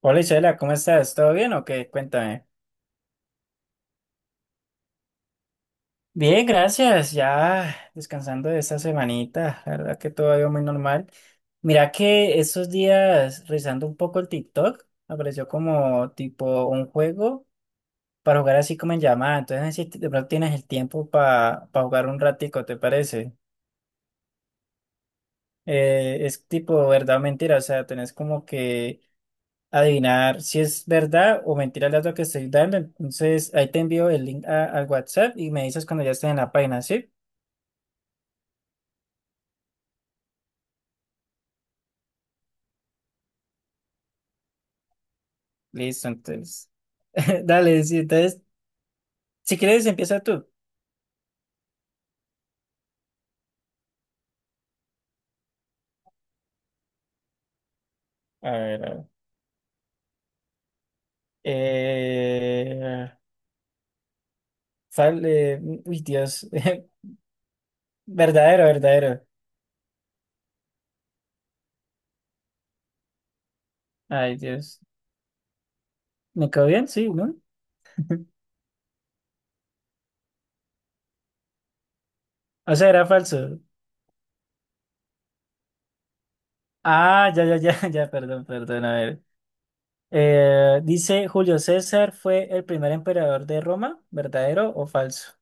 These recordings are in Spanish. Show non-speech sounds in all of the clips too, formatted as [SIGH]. Hola Isela, ¿cómo estás? ¿Todo bien o qué? Cuéntame. Bien, gracias. Ya descansando de esta semanita. La verdad que todo ha ido muy normal. Mira que estos días, revisando un poco el TikTok, apareció como tipo un juego para jugar así como en llamada. Entonces, no sé si de pronto tienes el tiempo para jugar un ratico, ¿te parece? Es tipo verdad o mentira. O sea, tenés como que adivinar si es verdad o mentira el dato que estoy dando. Entonces, ahí te envío el link al WhatsApp y me dices cuando ya esté en la página, ¿sí? Listo, entonces. [LAUGHS] Dale, sí, entonces, si quieres, empieza tú. A ver, a ver. Eh, uy, Dios. [LAUGHS] Verdadero, verdadero. Ay, Dios. ¿Me quedó bien? Sí, ¿no? [LAUGHS] O sea, era falso. Ah, ya, ya, ya, [LAUGHS] ya, perdón, perdón, a ver. Dice, Julio César fue el primer emperador de Roma, ¿verdadero o falso?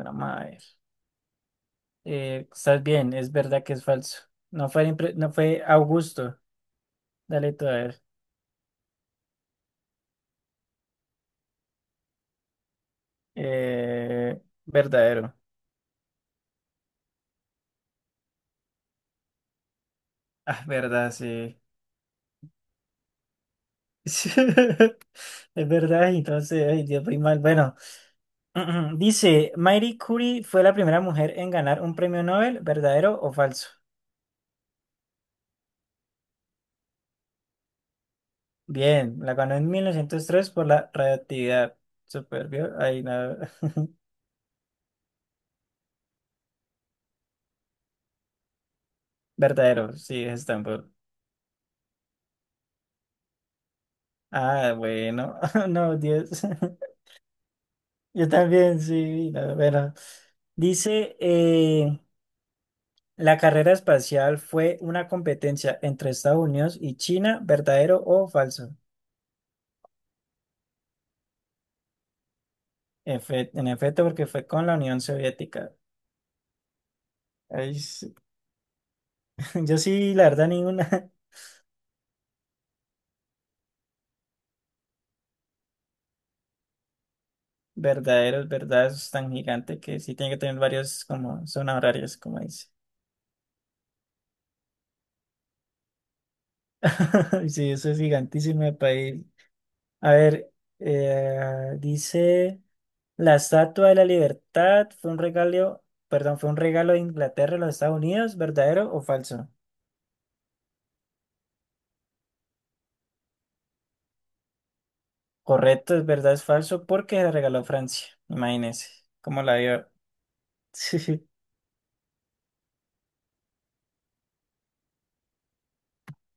La madre. Estás bien, es verdad que es falso. No fue Augusto. Dale tú a ver. Verdadero. Ah, verdad, sí. [LAUGHS] Es verdad, entonces, ay, Dios, muy mal. Bueno, [CLEARS THROAT] dice, Marie Curie fue la primera mujer en ganar un premio Nobel, ¿verdadero o falso? Bien, la ganó en 1903 por la radioactividad. Super, ¿vio? Ay, nada. [LAUGHS] Verdadero, sí, es Stanford. Ah, bueno, [LAUGHS] no, Dios. [LAUGHS] Yo también, sí, la verdad. Dice, la carrera espacial fue una competencia entre Estados Unidos y China, ¿verdadero o falso? En efecto, porque fue con la Unión Soviética. Ay, sí. [LAUGHS] Yo sí, la verdad, ninguna. [LAUGHS] Verdadero, es verdad, eso es tan gigante que sí tiene que tener varios como zonas horarias, como dice. [LAUGHS] Sí, eso es gigantísimo de país. A ver, dice, la Estatua de la Libertad fue un regalo, perdón, fue un regalo de Inglaterra a los Estados Unidos, ¿verdadero o falso? Correcto, es verdad, es falso, porque se la regaló Francia. Imagínese cómo la dio. [LAUGHS] Sí,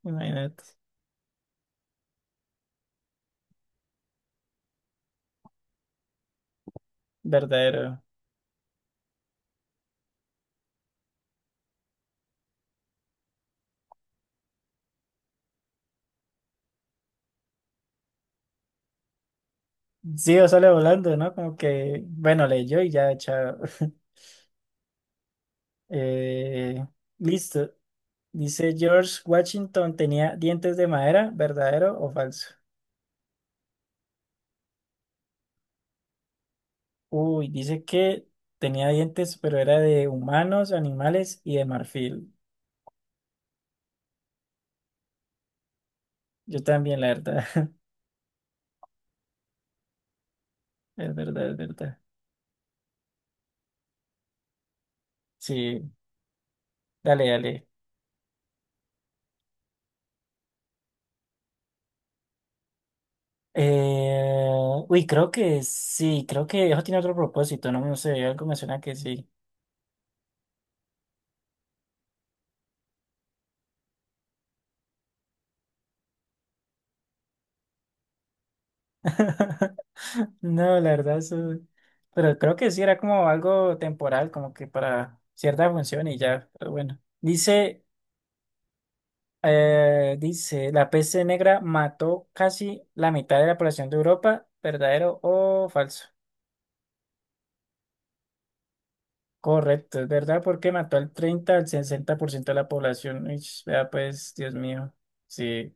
imagínate. Verdadero. Sí, o sale volando, ¿no? Como que, bueno, leyó y ya, chao. [LAUGHS] Eh, listo. Dice George Washington tenía dientes de madera, ¿verdadero o falso? Uy, dice que tenía dientes, pero era de humanos, animales y de marfil. Yo también, la verdad. [LAUGHS] Es verdad, es verdad. Sí, dale, dale. Eh, uy, creo que sí, creo que eso tiene otro propósito, no, no sé, algo me suena que sí. [LAUGHS] No, la verdad, eso- Pero creo que sí, era como algo temporal, como que para cierta función y ya, pero bueno. Dice... dice, la peste negra mató casi la mitad de la población de Europa, ¿verdadero o falso? Correcto, es verdad, porque mató al 30 al 60% de la población. Ish, vea pues, Dios mío. Sí.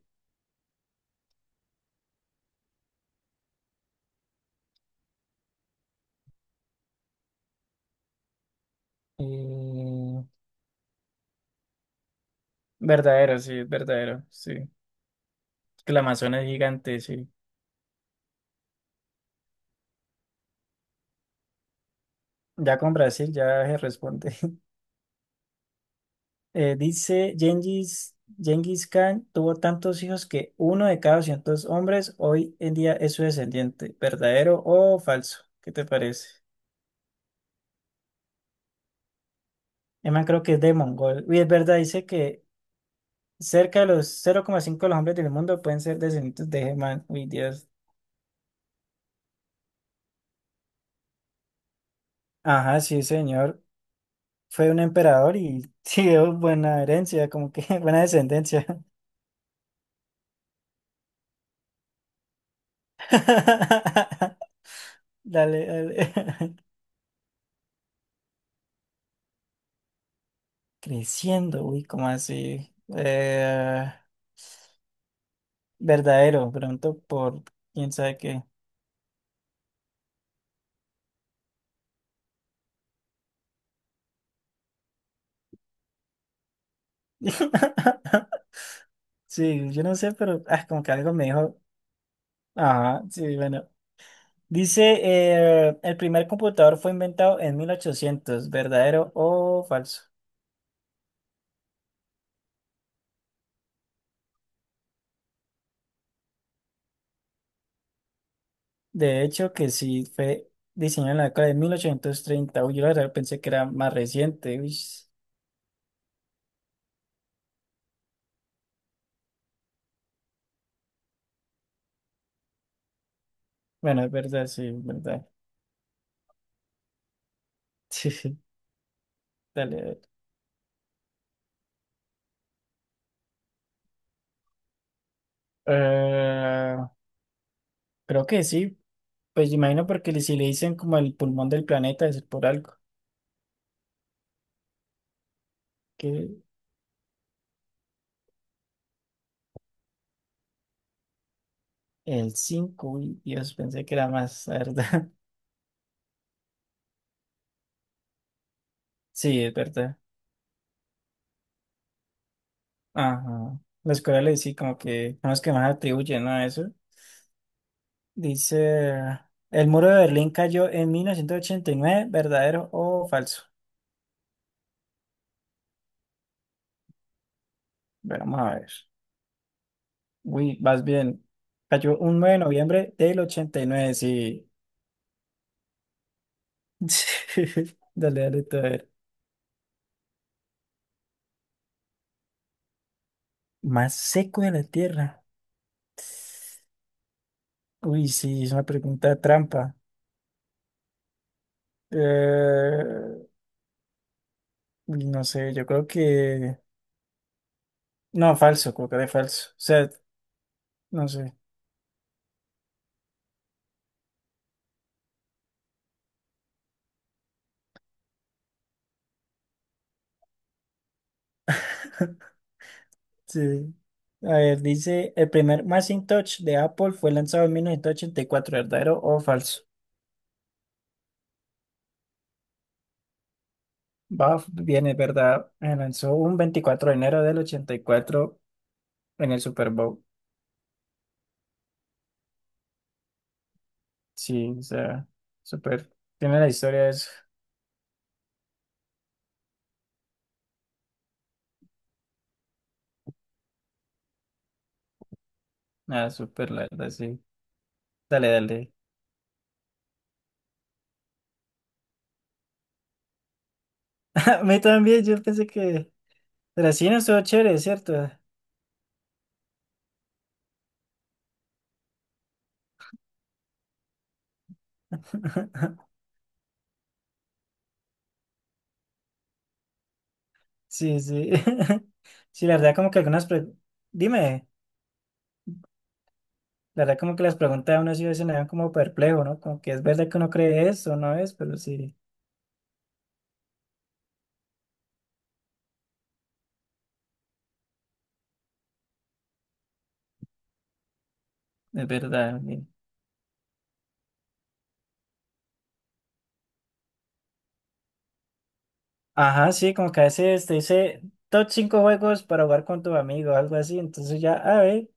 Mm, verdadero, sí. Es que la Amazona es gigante, sí. Ya con Brasil ya se responde. Dice Gengis Khan tuvo tantos hijos que uno de cada 200 hombres hoy en día es su descendiente. ¿Verdadero o falso? ¿Qué te parece? Además, creo que es de Mongol. Y es verdad, dice que cerca de los 0,5 de los hombres del mundo pueden ser descendientes de Germán. Uy, Dios. Ajá, sí, señor. Fue un emperador y [LAUGHS] sí, dio buena herencia, como que [LAUGHS] buena descendencia. [LAUGHS] Dale, dale. [LAUGHS] Creciendo, uy, ¿cómo así? Verdadero, pronto por quién sabe qué. [LAUGHS] Sí, yo no sé, pero ah, como que algo me dijo. Ajá, sí, bueno. Dice, el primer computador fue inventado en 1800, ¿verdadero o falso? De hecho, que sí, fue diseñado en la década de 1830. Uy, yo la verdad pensé que era más reciente. Uy, bueno, es verdad, sí, es verdad. [LAUGHS] Sí, sí, dale. A ver. Eh, creo que sí, pues imagino porque si le dicen como el pulmón del planeta, es por algo. Que el 5 y Dios, pensé que era más, la verdad. [LAUGHS] Sí, es verdad. Ajá. Los corales sí, como que son los que más atribuyen, ¿no? A eso. Dice, el muro de Berlín cayó en 1989, ¿verdadero o falso? Bueno, vamos a ver. Uy, vas bien. Cayó un 9 de noviembre del 89, sí. [LAUGHS] Dale, dale, tú, a ver. Más seco de la tierra. Uy, sí, es una pregunta trampa. Eh, No sé, yo creo que... No, falso, creo que de falso. O sea, no sé. [LAUGHS] Sí. A ver, dice, el primer Macintosh de Apple fue lanzado en 1984, ¿verdadero o falso? Va, viene, ¿verdad? Lanzó un 24 de enero del 84 en el Super Bowl. Sí, o sea, súper. Tiene la historia de eso. Ah, súper, la verdad, sí. Dale, dale. [LAUGHS] A mí también, yo pensé que... Pero sí, no estuvo chévere, ¿cierto? [LAUGHS] Sí, sí. [LAUGHS] Sí, la verdad como que algunas... Dime, la verdad como que las preguntas de uno sí a veces me dan como perplejo, ¿no? Como que es verdad que uno cree eso, ¿no es? Pero sí, es verdad, sí. Ajá, sí, como que a veces te dice top 5 juegos para jugar con tu amigo, algo así. Entonces ya, a ver,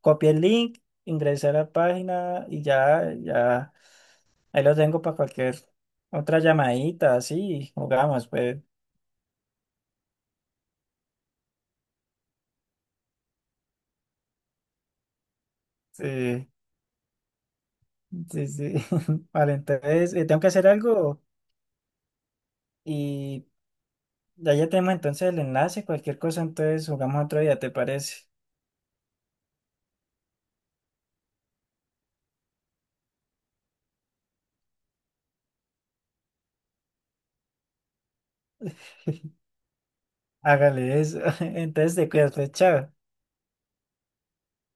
copié el link, ingresé a la página y ya, ya, ahí lo tengo para cualquier otra llamadita, así, jugamos, pues. Sí, sí, sí. [LAUGHS] Vale, entonces, tengo que hacer algo. Y ya, ya tenemos entonces el enlace, cualquier cosa, entonces jugamos otro día, ¿te parece? [LAUGHS] Hágale eso. [LAUGHS] Entonces te cuidas, pues, chao.